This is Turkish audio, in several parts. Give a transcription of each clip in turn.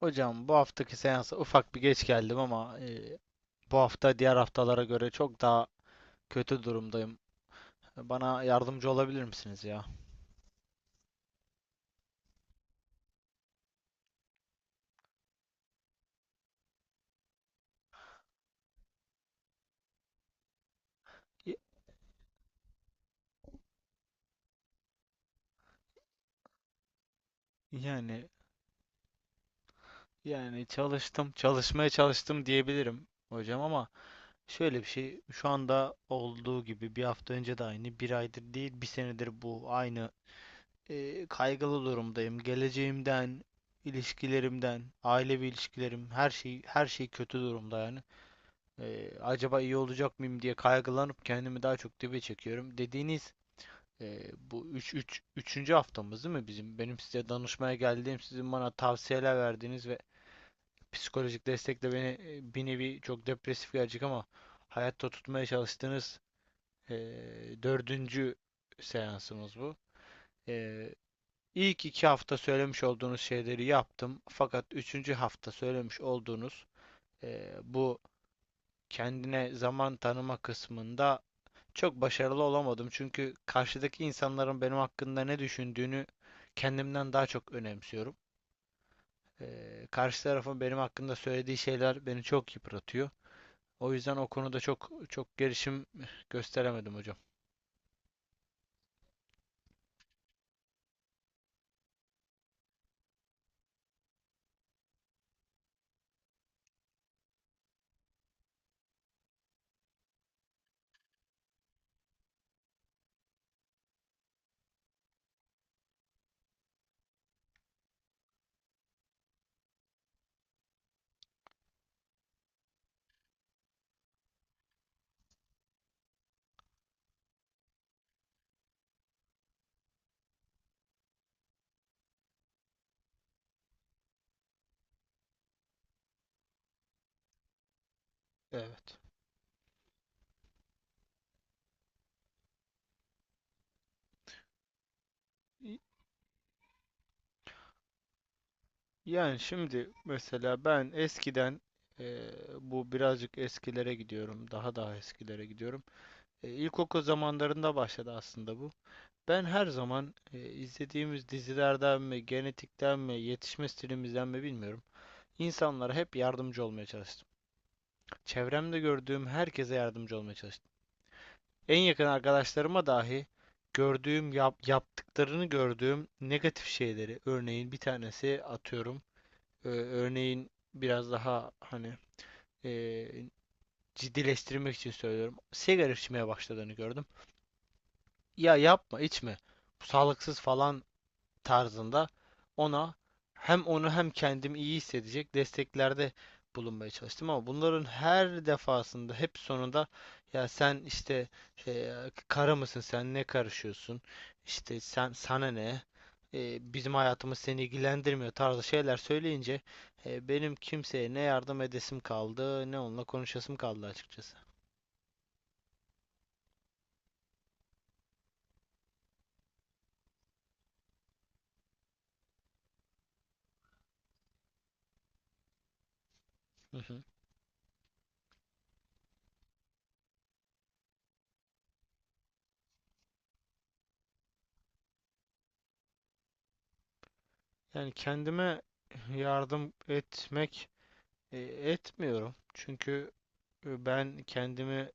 Hocam, bu haftaki seansa ufak bir geç geldim ama bu hafta diğer haftalara göre çok daha kötü durumdayım. Bana yardımcı olabilir misiniz ya? Y- Yani yani çalıştım, çalışmaya çalıştım diyebilirim hocam, ama şöyle bir şey, şu anda olduğu gibi bir hafta önce de aynı, bir aydır değil, bir senedir bu aynı kaygılı durumdayım. Geleceğimden, ilişkilerimden, ailevi ilişkilerim, her şey her şey kötü durumda yani. Acaba iyi olacak mıyım diye kaygılanıp kendimi daha çok dibe çekiyorum. Dediğiniz bu 3. haftamız değil mi bizim? Benim size danışmaya geldiğim, sizin bana tavsiyeler verdiğiniz ve psikolojik destekle beni bir nevi, çok depresif gelecek ama, hayatta tutmaya çalıştığınız e, dördüncü seansımız bu. E, ilk iki hafta söylemiş olduğunuz şeyleri yaptım. Fakat üçüncü hafta söylemiş olduğunuz bu kendine zaman tanıma kısmında çok başarılı olamadım, çünkü karşıdaki insanların benim hakkında ne düşündüğünü kendimden daha çok önemsiyorum. Karşı tarafın benim hakkında söylediği şeyler beni çok yıpratıyor. O yüzden o konuda çok çok gelişim gösteremedim hocam. Evet. Y- Yani şimdi mesela ben eskiden, eee, bu birazcık eskilere gidiyorum. Daha eskilere gidiyorum. İlkokul zamanlarında başladı aslında bu. Ben her zaman, izlediğimiz dizilerden mi, genetikten mi, yetişme stilimizden mi bilmiyorum, İnsanlara hep yardımcı olmaya çalıştım. Çevremde gördüğüm herkese yardımcı olmaya çalıştım. En yakın arkadaşlarıma dahi gördüğüm, yaptıklarını gördüğüm negatif şeyleri, örneğin bir tanesi, atıyorum, örneğin biraz daha hani, e, ciddileştirmek için söylüyorum, sigara içmeye başladığını gördüm. Ya yapma, içme, bu sağlıksız falan tarzında, ona, hem onu hem kendimi iyi hissedecek desteklerde bulunmaya çalıştım, ama bunların her defasında hep sonunda, ya sen işte, e, kara mısın, sen ne karışıyorsun, işte sen sana ne, bizim hayatımız seni ilgilendirmiyor tarzı şeyler söyleyince, benim kimseye ne yardım edesim kaldı, ne onunla konuşasım kaldı açıkçası. Hı hı. Yani kendime yardım etmek, e, etmiyorum, çünkü E, ben kendimi,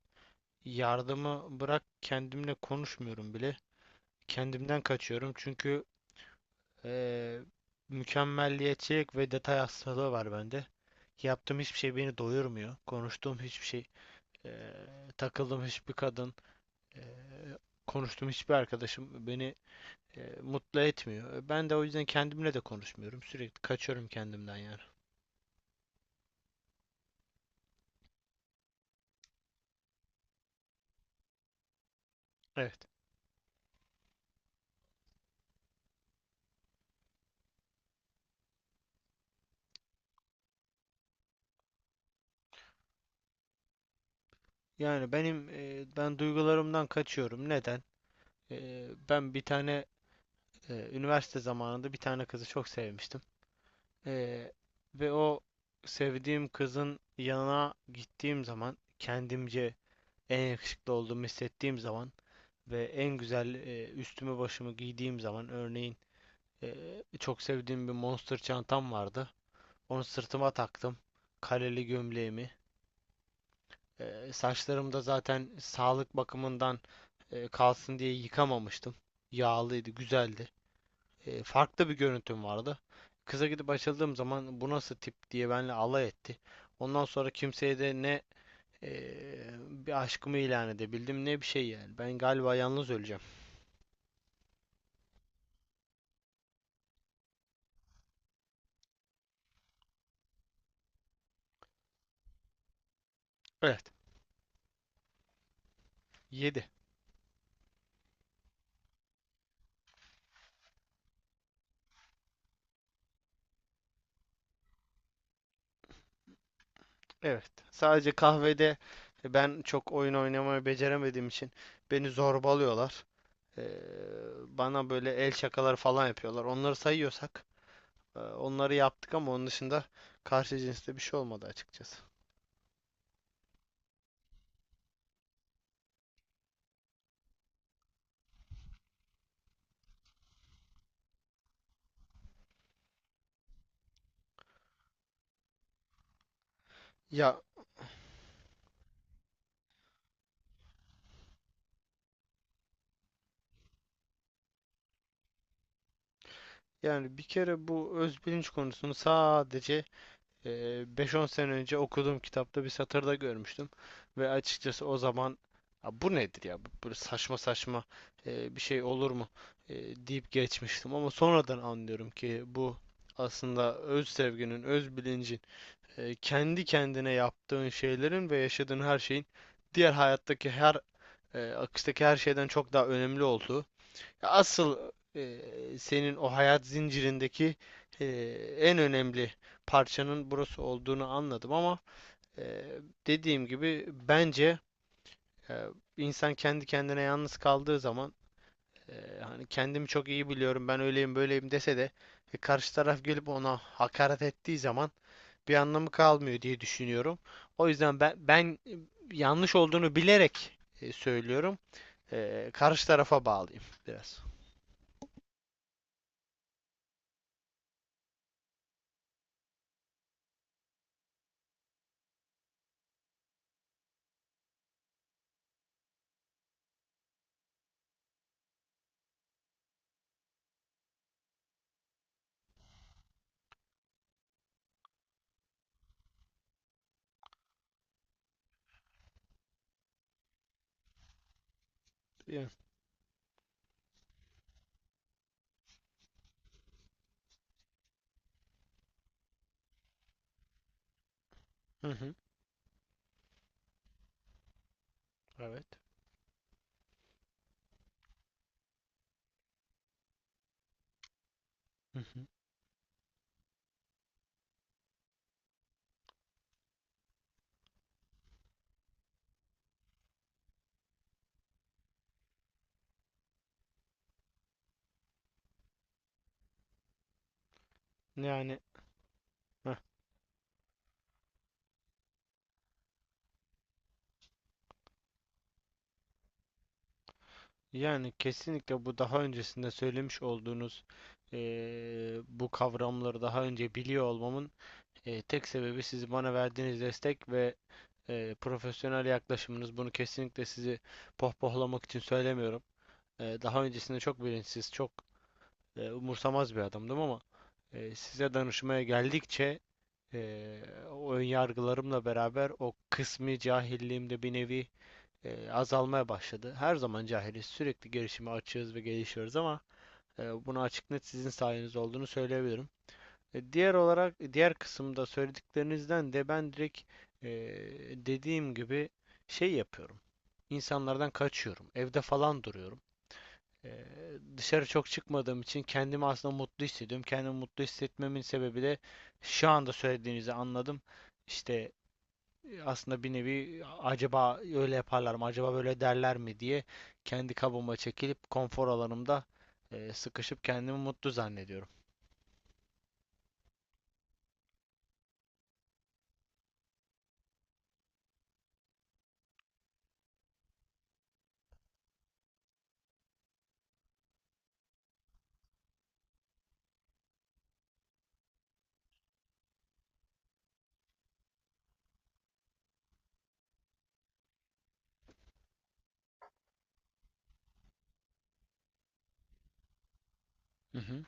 yardımı bırak, kendimle konuşmuyorum bile. Kendimden kaçıyorum, çünkü e, mükemmelliyetçilik ve detay hastalığı var bende. Yaptığım hiçbir şey beni doyurmuyor. Konuştuğum hiçbir şey, e, takıldığım hiçbir kadın, e, konuştuğum hiçbir arkadaşım beni mutlu etmiyor. Ben de o yüzden kendimle de konuşmuyorum. Sürekli kaçıyorum kendimden yani. Evet. Yani ben duygularımdan kaçıyorum. Neden? Ben bir tane üniversite zamanında bir tane kızı çok sevmiştim. Ee, Ve o sevdiğim kızın yanına gittiğim zaman, kendimce en yakışıklı olduğumu hissettiğim zaman ve en güzel üstümü başımı giydiğim zaman, örneğin, e, çok sevdiğim bir Monster çantam vardı. Onu sırtıma taktım. Kareli gömleğimi. Saçlarım da zaten sağlık bakımından kalsın diye yıkamamıştım. Yağlıydı, güzeldi. Farklı bir görüntüm vardı. Kıza gidip açıldığım zaman, bu nasıl tip diye benimle alay etti. Ondan sonra kimseye de ne e, bir aşkımı ilan edebildim, ne bir şey yani. Ben galiba yalnız öleceğim. Evet. Yedi. Evet. Sadece kahvede, ben çok oyun oynamayı beceremediğim için, beni zorbalıyorlar. E, Bana böyle el şakaları falan yapıyorlar. Onları sayıyorsak, onları yaptık, ama onun dışında karşı cinste bir şey olmadı açıkçası. Ya, yani bir kere bu öz bilinç konusunu sadece eee, 5-10 sene önce okuduğum kitapta bir satırda görmüştüm. Ve açıkçası o zaman, "Ya bu nedir ya? Böyle saçma saçma bir şey olur mu? Deyip geçmiştim. Ama sonradan anlıyorum ki bu aslında öz sevginin, öz bilincin, kendi kendine yaptığın şeylerin ve yaşadığın her şeyin, diğer hayattaki her akıştaki her şeyden çok daha önemli olduğu, asıl senin o hayat zincirindeki e, en önemli parçanın burası olduğunu anladım. Ama e, dediğim gibi, bence e, insan kendi kendine yalnız kaldığı zaman, hani, kendimi çok iyi biliyorum, ben öyleyim böyleyim dese de, karşı taraf gelip ona hakaret ettiği zaman bir anlamı kalmıyor diye düşünüyorum. O yüzden yanlış olduğunu bilerek söylüyorum. Karşı tarafa bağlayayım biraz. Yani. Hı hı. Evet. Hı hı. Yani heh, yani kesinlikle, bu daha öncesinde söylemiş olduğunuz bu kavramları daha önce biliyor olmamın tek sebebi, siz bana verdiğiniz destek ve profesyonel yaklaşımınız. Bunu kesinlikle sizi pohpohlamak için söylemiyorum. Daha öncesinde çok bilinçsiz, çok umursamaz bir adamdım, ama size danışmaya geldikçe, eee o ön yargılarımla beraber o kısmi cahilliğim de bir nevi azalmaya başladı. Her zaman cahiliz. Sürekli gelişime açığız ve gelişiyoruz, ama bunu açık net sizin sayeniz olduğunu söyleyebilirim. Diğer olarak, diğer kısımda söylediklerinizden de ben direkt, e, dediğim gibi, şey yapıyorum. İnsanlardan kaçıyorum. Evde falan duruyorum. E, Dışarı çok çıkmadığım için kendimi aslında mutlu hissediyorum. Kendimi mutlu hissetmemin sebebi de şu anda söylediğinizi anladım. İşte aslında bir nevi, acaba öyle yaparlar mı, acaba böyle derler mi diye, kendi kabıma çekilip konfor alanımda sıkışıp kendimi mutlu zannediyorum. Hı hı.